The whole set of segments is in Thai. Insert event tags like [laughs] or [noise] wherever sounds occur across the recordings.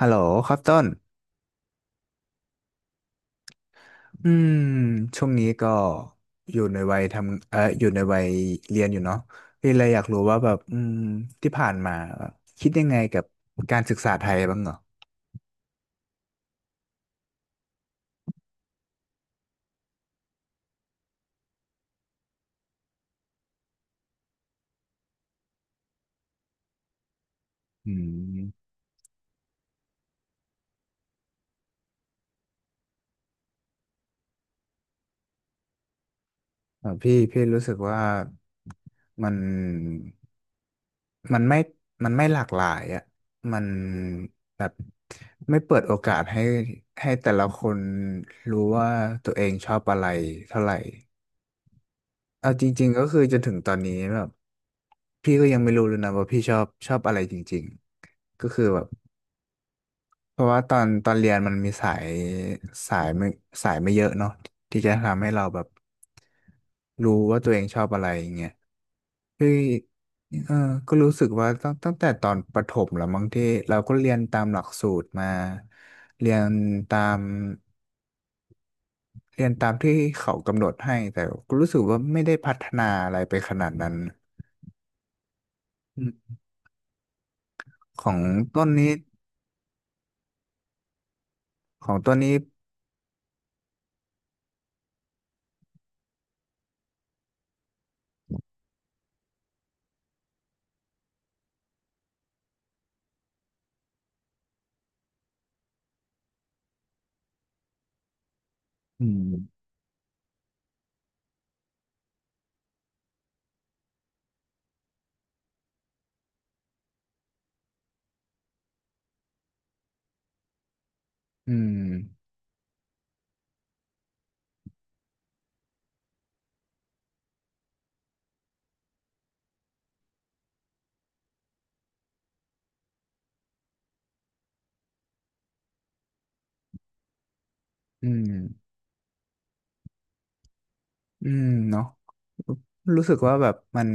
ฮัลโหลครับต้นอืมช่วงนี้ก็อยู่ในวัยทำอยู่ในวัยเรียนอยู่เนาะพี่เลยอยากรู้ว่าแบบอืมที่ผ่านมาแบบคิดยังไงกับการศึกษาไทยบ้างเหรออืมพี่รู้สึกว่ามันมันไม่มันไม่หลากหลายอ่ะมันแบบไม่เปิดโอกาสให้ให้แต่ละคนรู้ว่าตัวเองชอบอะไรเท่าไหร่ เอาจริงๆก็คือจนถึงตอนนี้แบบพี่ก็ยังไม่รู้เลยนะว่าพี่ชอบอะไรจริงๆก็คือแบบเพราะว่าตอนเรียนมันมีสายสายไม่สายไม่เยอะเนาะที่จะทำให้เราแบบรู้ว่าตัวเองชอบอะไรอย่างเงี้ยคือเออก็รู้สึกว่าตั้งแต่ตอนประถมแล้วมั้งที่เราก็เรียนตามหลักสูตรมาเรียนตามเรียนตามที่เขากำหนดให้แต่ก็รู้สึกว่าไม่ได้พัฒนาอะไรไปขนาดนั้น ของต้นนี้ของต้นนี้ อืม อืม อืมอืมเนาะรู้สึกว่าแบบมัน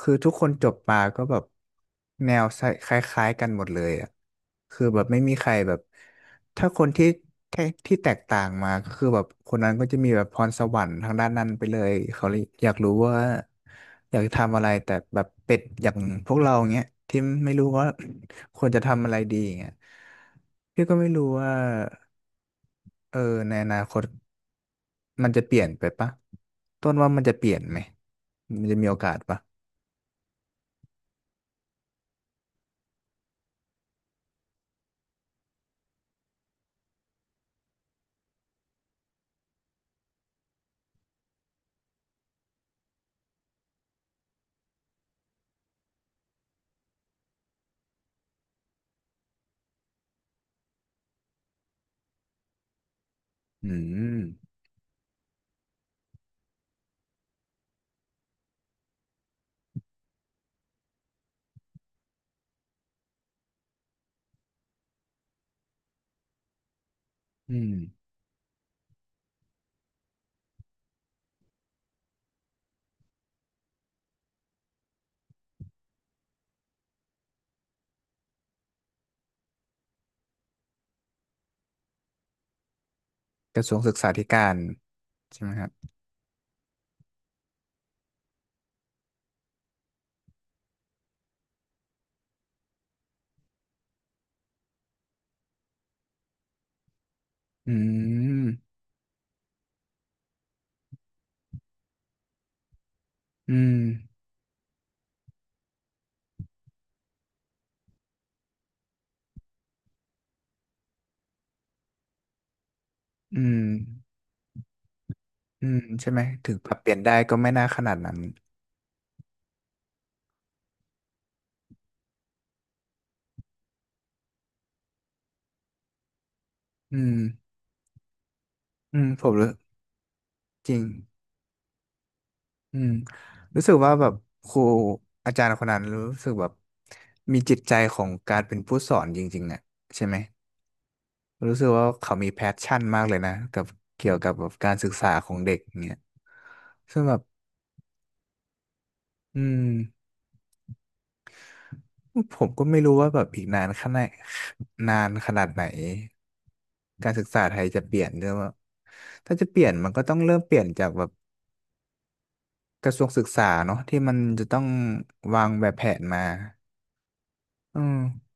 คือทุกคนจบมาก็แบบแนวคล้ายๆกันหมดเลยอ่ะคือแบบไม่มีใครแบบถ้าคนที่แค่ที่แตกต่างมาก็คือแบบคนนั้นก็จะมีแบบพรสวรรค์ทางด้านนั้นไปเลยเขาเลยอยากรู้ว่าอยากทำอะไรแต่แบบเป็ดอย่างพวกเราเงี้ยที่ไม่รู้ว่า [clears throat] ควรจะทำอะไรดีเงี้ยพี่ก็ไม่รู้ว่าเออในอนาคตมันจะเปลี่ยนไปปะต้นว่ามันจะเปลี่ยนไหมมันจะมีโอกาสปะ อืมอืมกระทรวงศึกษาธิการใช่ไหมครับอืมอืมอืมอืมใช่ไหมถึงปรับเปลี่ยนได้ก็ไม่น่าขนาดนั้นอืมอืมผมรู้จริงอืมรู้สึกว่าแบบครูอาจารย์คนนั้นรู้สึกแบบมีจิตใจของการเป็นผู้สอนจริงๆอ่ะใช่ไหมรู้สึกว่าเขามีแพชชั่นมากเลยนะกับเกี่ยวกับแบบการศึกษาของเด็กเนี่ยซึ่งแบบอืม ผมก็ไม่รู้ว่าแบบอีกนานขนาดนานขนาดไหนการศึกษาไทยจะเปลี่ยนด้วยว่าถ้าจะเปลี่ยนมันก็ต้องเริ่มเปลี่ยนจากแบบกระทรวงศึกษาเนาะที่มันจะต้องวางแบบแผนมาอืม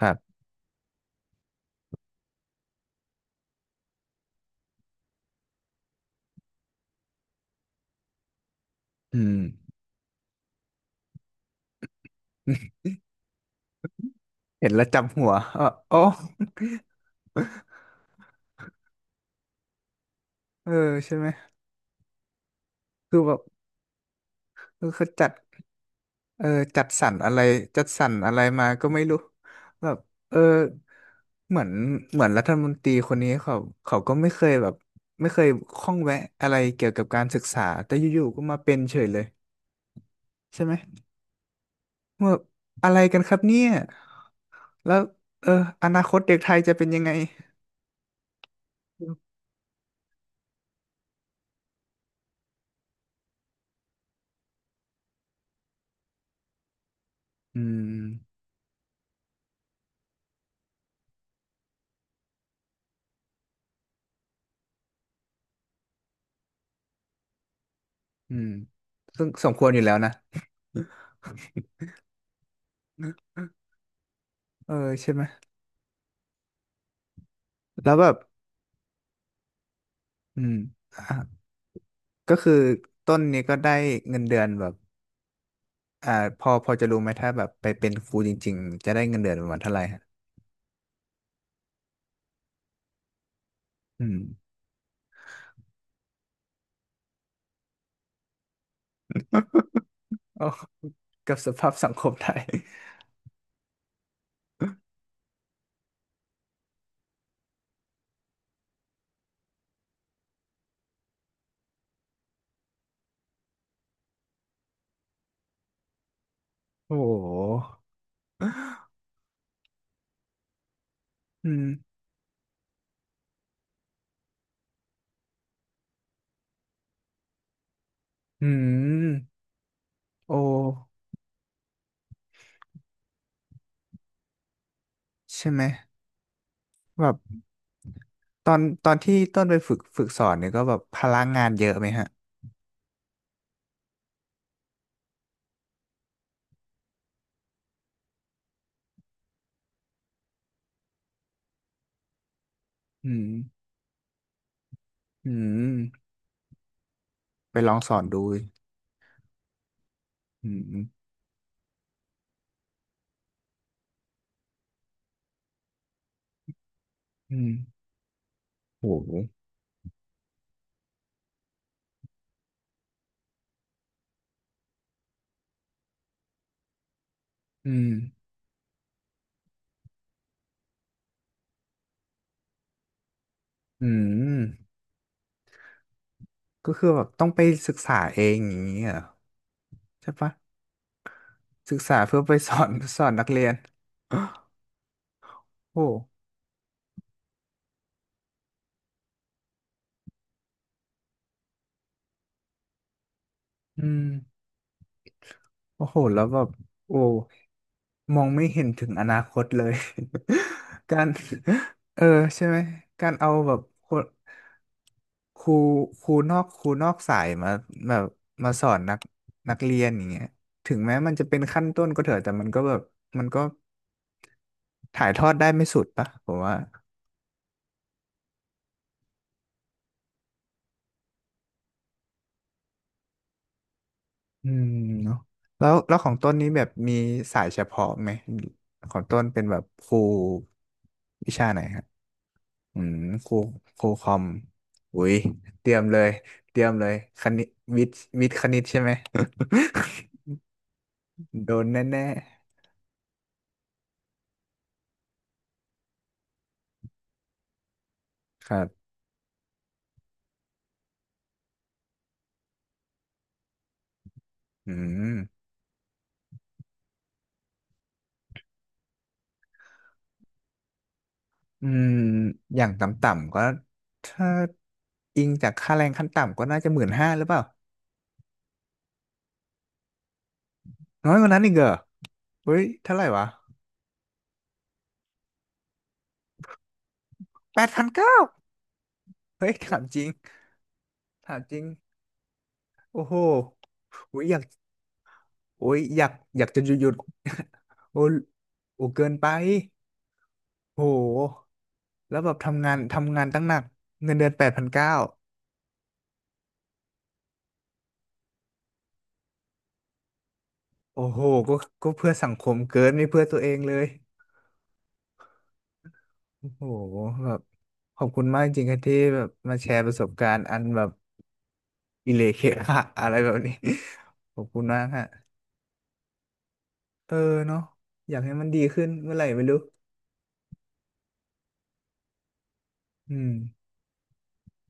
ครับอืมเห็นแล้วจับหัวเออโอ้เออใช่ไหมคือแบบคือเขาจัด เออจัดสรรอะไรจัดสรรอะไรมาก็ไม่รู้แบบเออเหมือนเหมือนรัฐมนตรีคนนี้เขาเขาก็ไม่เคยแบบไม่เคยข้องแวะอะไรเกี่ยวกับการศึกษาแต่อยู่ๆก็มาเป็นเฉยเลยใช่ไหมว่าอะไรกันครับเนี่ยแล้วเอออนาคตเด็กไทยจะเป็นยังไงอืมอืมซึ่งสมควรอยู่แล้วนะเออใช่ไหมแล้วแบบอืมอ่ะก็คือต้นนี้ก็ได้เงินเดือนแบบ อ่าพอพอจะรู้ไหมถ้าแบบไปเป็นครูจริงๆจะได้เงินเดือนประมาณเท่าไหร่ฮะอืมโอ้ [laughs] กับสภาพสังคมไทยโอ้โหอืมอืมโอ้ใช่ไหมแบบตอนที่ต้นไปฝึกสอนเนี่ยก็แบบพลังงานเยอะไหมฮะอืมอืมไปลองสอนดูอืมอืมโอ้โหอืมอืมก็คือแบบต้องไปศึกษาเองอย่างนี้เหรอใช่ปะศึกษาเพื่อไปสอน [laughs] สอนนักเรียนโอ้ อืมโอ้โหแล้วแบบโอ้มองไม่เห็นถึงอนาคตเลย [laughs] การเออใช่ไหมการเอาแบบคนครูครูนอกสายมาแบบมาสอนนักนักเรียนอย่างเงี้ยถึงแม้มันจะเป็นขั้นต้นก็เถอะแต่มันก็แบบมันก็ถ่ายทอดได้ไม่สุดปะผมว่าอืมเนาะแล้วของต้นนี้แบบมีสายเฉพาะไหมของต้นเป็นแบบครูวิชาไหนครับ อืมครูครูคอมอุ้ยเตรียมเลยเตรียมเลยคณิตวิทย์คณิตใช่ไหม [laughs] โดนแน่ๆครับอืมอืมอย่างต่ำๆก็ถ้าอิงจากค่าแรงขั้นต่ำก็น่าจะ15,000หรือเปล่าน้อยกว่านั้นอีกเหรอเฮ้ยเท่าไหร่วะแปดพันเก้าเฮ้ยถามจริงถามจริงโอ้โหโอุ้ยอยากโอ้ยอยากอยากจะหยุด [laughs] โอ้ยโอ้เกินไป โหแล้วแบบทำงานทำงานตั้งหนักเงินเดือนแปดพันเก้าโอ้โหก็ก็เพื่อสังคมเกินไม่เพื่อตัวเองเลยโอ้โหแบบขอบคุณมากจริงๆครับที่แบบมาแชร์ประสบการณ์อันแบบอิเลเคคะอะไรแบบนี้ [laughs] ขอบคุณมากฮะเออเนาะอยากให้มันดีขึ้นเมื่อไหร่ไม่รู้อืม